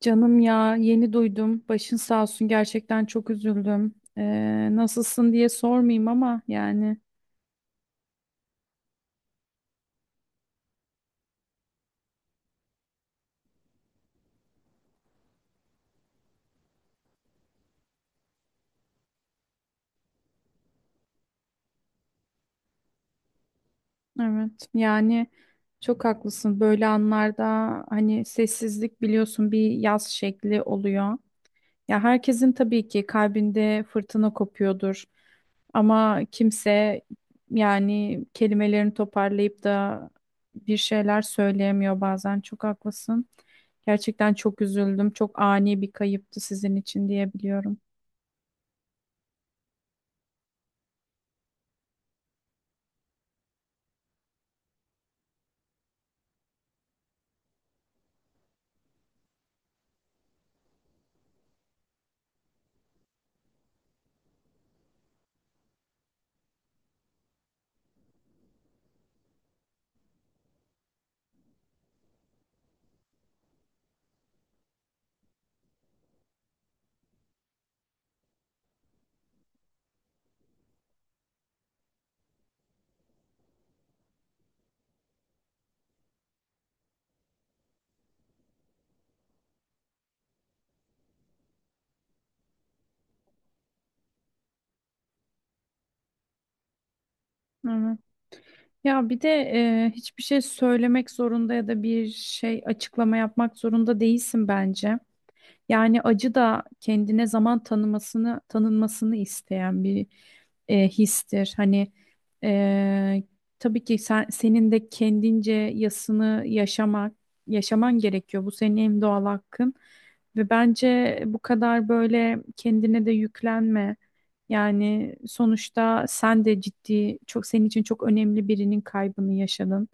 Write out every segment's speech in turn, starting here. Canım, ya yeni duydum. Başın sağ olsun, gerçekten çok üzüldüm. Nasılsın diye sormayayım ama yani evet, yani çok haklısın. Böyle anlarda hani sessizlik biliyorsun bir yaz şekli oluyor. Ya herkesin tabii ki kalbinde fırtına kopuyordur. Ama kimse, yani kelimelerini toparlayıp da bir şeyler söyleyemiyor bazen. Çok haklısın. Gerçekten çok üzüldüm. Çok ani bir kayıptı sizin için diyebiliyorum. Evet. Ya bir de hiçbir şey söylemek zorunda ya da bir şey açıklama yapmak zorunda değilsin bence. Yani acı da kendine zaman tanımasını isteyen bir histir. Hani e, tabii ki senin de kendince yasını yaşaman gerekiyor. Bu senin en doğal hakkın ve bence bu kadar böyle kendine de yüklenme. Yani sonuçta sen de ciddi çok, senin için çok önemli birinin kaybını yaşadın.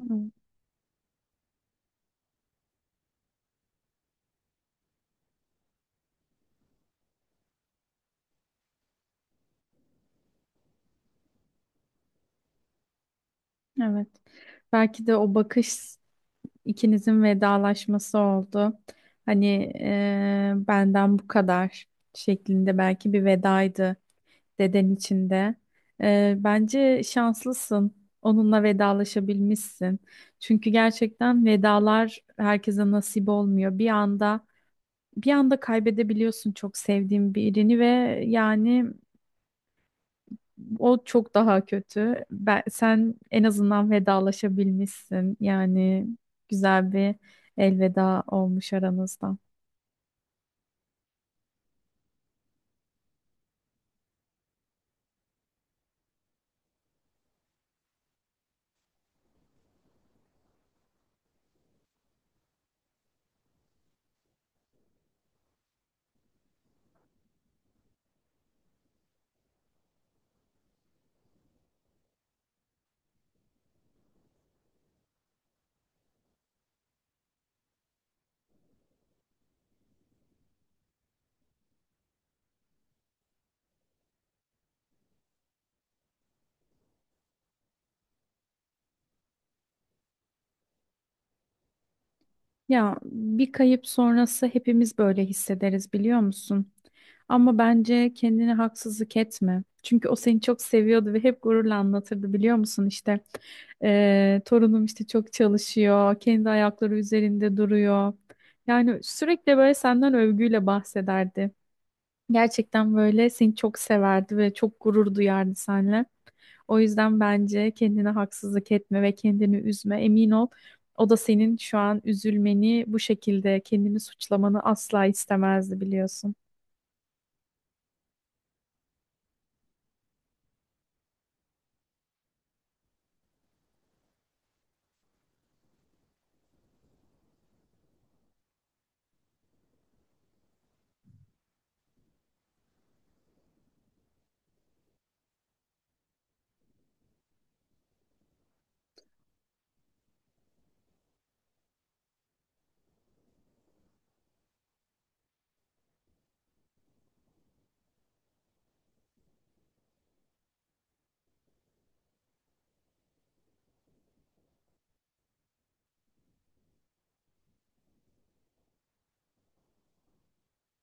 Hı. Evet. Belki de o bakış İkinizin vedalaşması oldu. Hani benden bu kadar şeklinde belki bir vedaydı, deden içinde. Bence şanslısın. Onunla vedalaşabilmişsin. Çünkü gerçekten vedalar herkese nasip olmuyor. Bir anda kaybedebiliyorsun çok sevdiğin birini, ve yani o çok daha kötü. Sen en azından vedalaşabilmişsin. Yani güzel bir elveda olmuş aranızda. Ya bir kayıp sonrası hepimiz böyle hissederiz, biliyor musun? Ama bence kendine haksızlık etme. Çünkü o seni çok seviyordu ve hep gururla anlatırdı, biliyor musun? İşte torunum işte çok çalışıyor, kendi ayakları üzerinde duruyor. Yani sürekli böyle senden övgüyle bahsederdi. Gerçekten böyle seni çok severdi ve çok gurur duyardı seninle. O yüzden bence kendine haksızlık etme ve kendini üzme. Emin ol, o da senin şu an üzülmeni, bu şekilde kendini suçlamanı asla istemezdi, biliyorsun.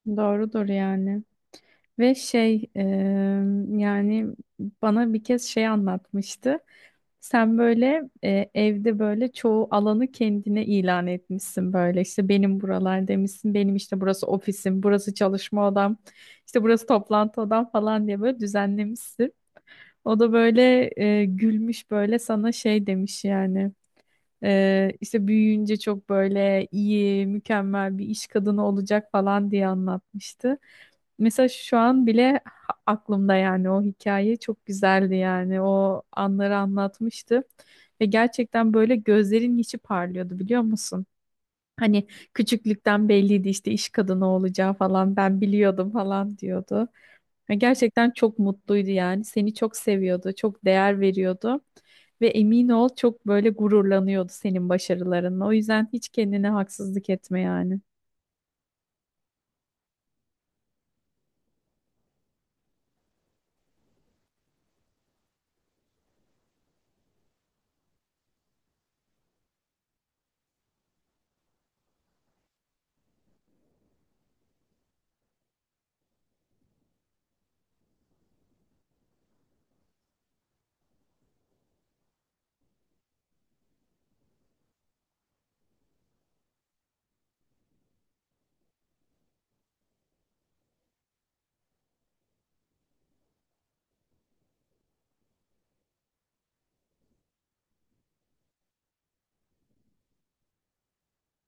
Doğrudur yani. Ve yani bana bir kez şey anlatmıştı. Sen böyle evde böyle çoğu alanı kendine ilan etmişsin, böyle işte benim buralar demişsin, benim işte burası ofisim, burası çalışma odam, işte burası toplantı odam falan diye böyle düzenlemişsin. O da böyle gülmüş, böyle sana şey demiş yani. İşte büyüyünce çok böyle iyi, mükemmel bir iş kadını olacak falan diye anlatmıştı. Mesela şu an bile aklımda, yani o hikaye çok güzeldi, yani o anları anlatmıştı. Ve gerçekten böyle gözlerin içi parlıyordu, biliyor musun? Hani küçüklükten belliydi işte, iş kadını olacağı falan ben biliyordum falan diyordu. Ve gerçekten çok mutluydu yani. Seni çok seviyordu, çok değer veriyordu. Ve emin ol çok böyle gururlanıyordu senin başarılarınla. O yüzden hiç kendine haksızlık etme yani.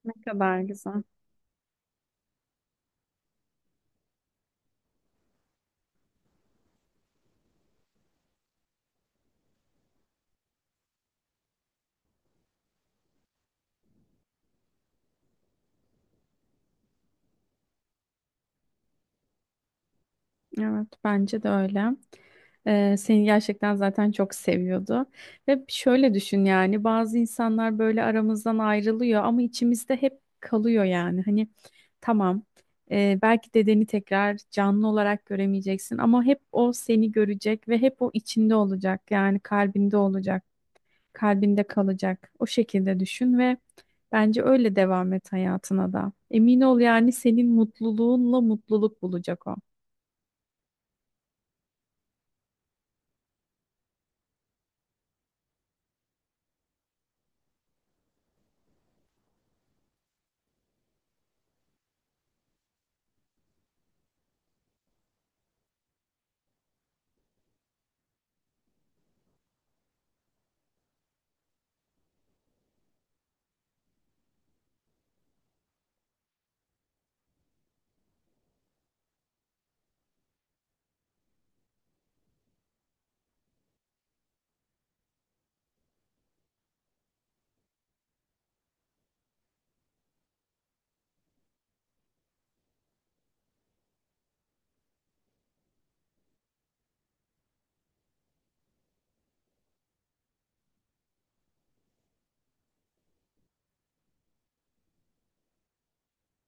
Ne kadar güzel. Evet, bence de öyle. Seni gerçekten zaten çok seviyordu. Ve şöyle düşün, yani bazı insanlar böyle aramızdan ayrılıyor ama içimizde hep kalıyor yani. Hani tamam, belki dedeni tekrar canlı olarak göremeyeceksin ama hep o seni görecek ve hep o içinde olacak, yani kalbinde olacak, kalbinde kalacak. O şekilde düşün ve bence öyle devam et hayatına da. Emin ol, yani senin mutluluğunla mutluluk bulacak o.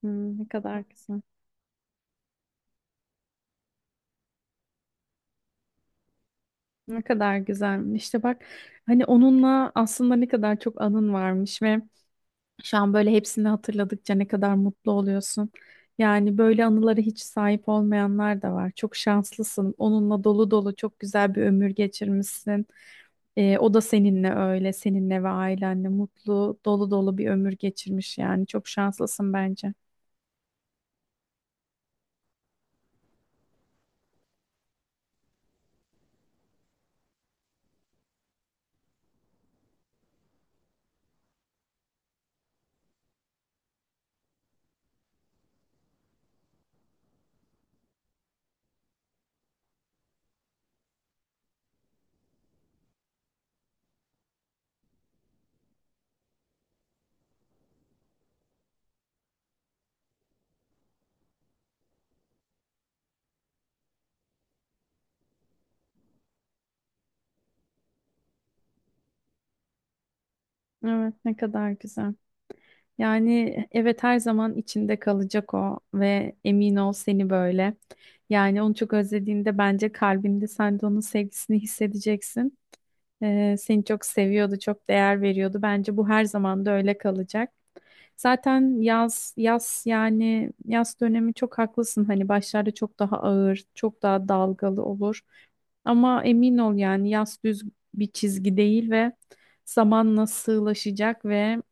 Hmm, ne kadar güzel. Ne kadar güzel. İşte bak, hani onunla aslında ne kadar çok anın varmış ve şu an böyle hepsini hatırladıkça ne kadar mutlu oluyorsun. Yani böyle anılara hiç sahip olmayanlar da var. Çok şanslısın. Onunla dolu dolu çok güzel bir ömür geçirmişsin. O da seninle öyle, seninle ve ailenle mutlu, dolu dolu bir ömür geçirmiş yani. Çok şanslısın bence. Evet, ne kadar güzel. Yani evet, her zaman içinde kalacak o ve emin ol seni böyle. Yani onu çok özlediğinde bence kalbinde sen de onun sevgisini hissedeceksin. Seni çok seviyordu, çok değer veriyordu. Bence bu her zaman da öyle kalacak. Zaten yaz dönemi, çok haklısın. Hani başlarda çok daha ağır, çok daha dalgalı olur. Ama emin ol, yani yaz düz bir çizgi değil ve zaman nasıl sığlaşacak ve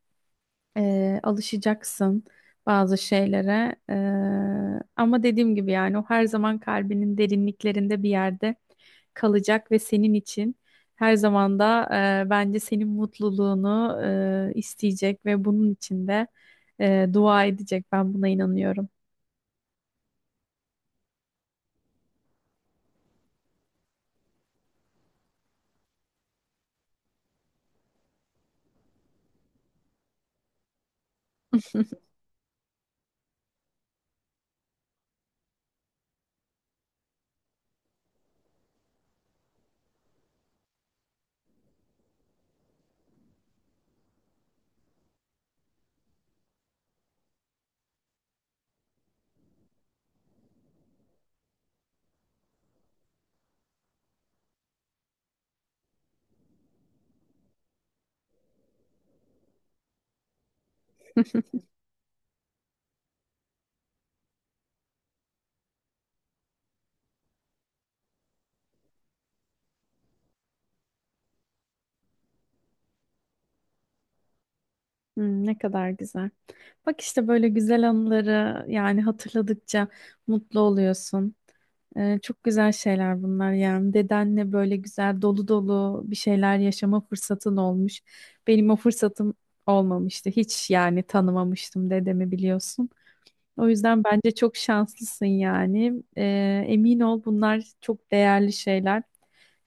Alışacaksın bazı şeylere. Ama dediğim gibi yani o her zaman kalbinin derinliklerinde bir yerde kalacak ve senin için her zaman da bence senin mutluluğunu isteyecek ve bunun için de dua edecek. Ben buna inanıyorum. Hmm, ne kadar güzel. Bak işte böyle güzel anıları yani hatırladıkça mutlu oluyorsun. Çok güzel şeyler bunlar yani. Dedenle böyle güzel dolu dolu bir şeyler yaşama fırsatın olmuş. Benim o fırsatım olmamıştı. Hiç yani, tanımamıştım dedemi, biliyorsun. O yüzden bence çok şanslısın yani. Emin ol, bunlar çok değerli şeyler.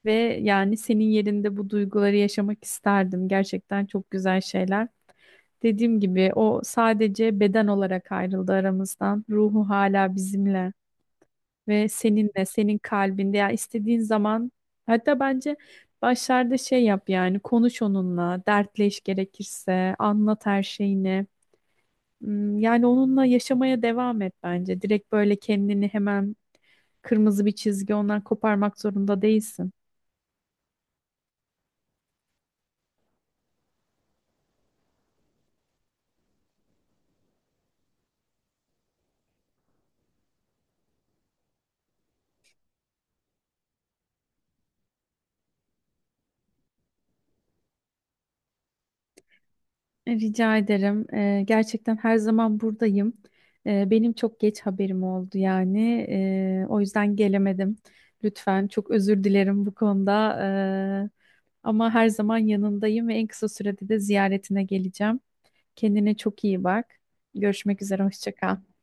Ve yani senin yerinde bu duyguları yaşamak isterdim. Gerçekten çok güzel şeyler. Dediğim gibi o sadece beden olarak ayrıldı aramızdan. Ruhu hala bizimle ve seninle, senin kalbinde. Ya istediğin zaman, hatta bence başlarda şey yap yani, konuş onunla, dertleş gerekirse, anlat her şeyini. Hmm. Yani onunla yaşamaya devam et bence. Direkt böyle kendini hemen kırmızı bir çizgi ondan koparmak zorunda değilsin. Rica ederim. Gerçekten her zaman buradayım. Benim çok geç haberim oldu yani. O yüzden gelemedim. Lütfen çok özür dilerim bu konuda. Ee, Ama her zaman yanındayım ve en kısa sürede de ziyaretine geleceğim. Kendine çok iyi bak. Görüşmek üzere. Hoşça kal.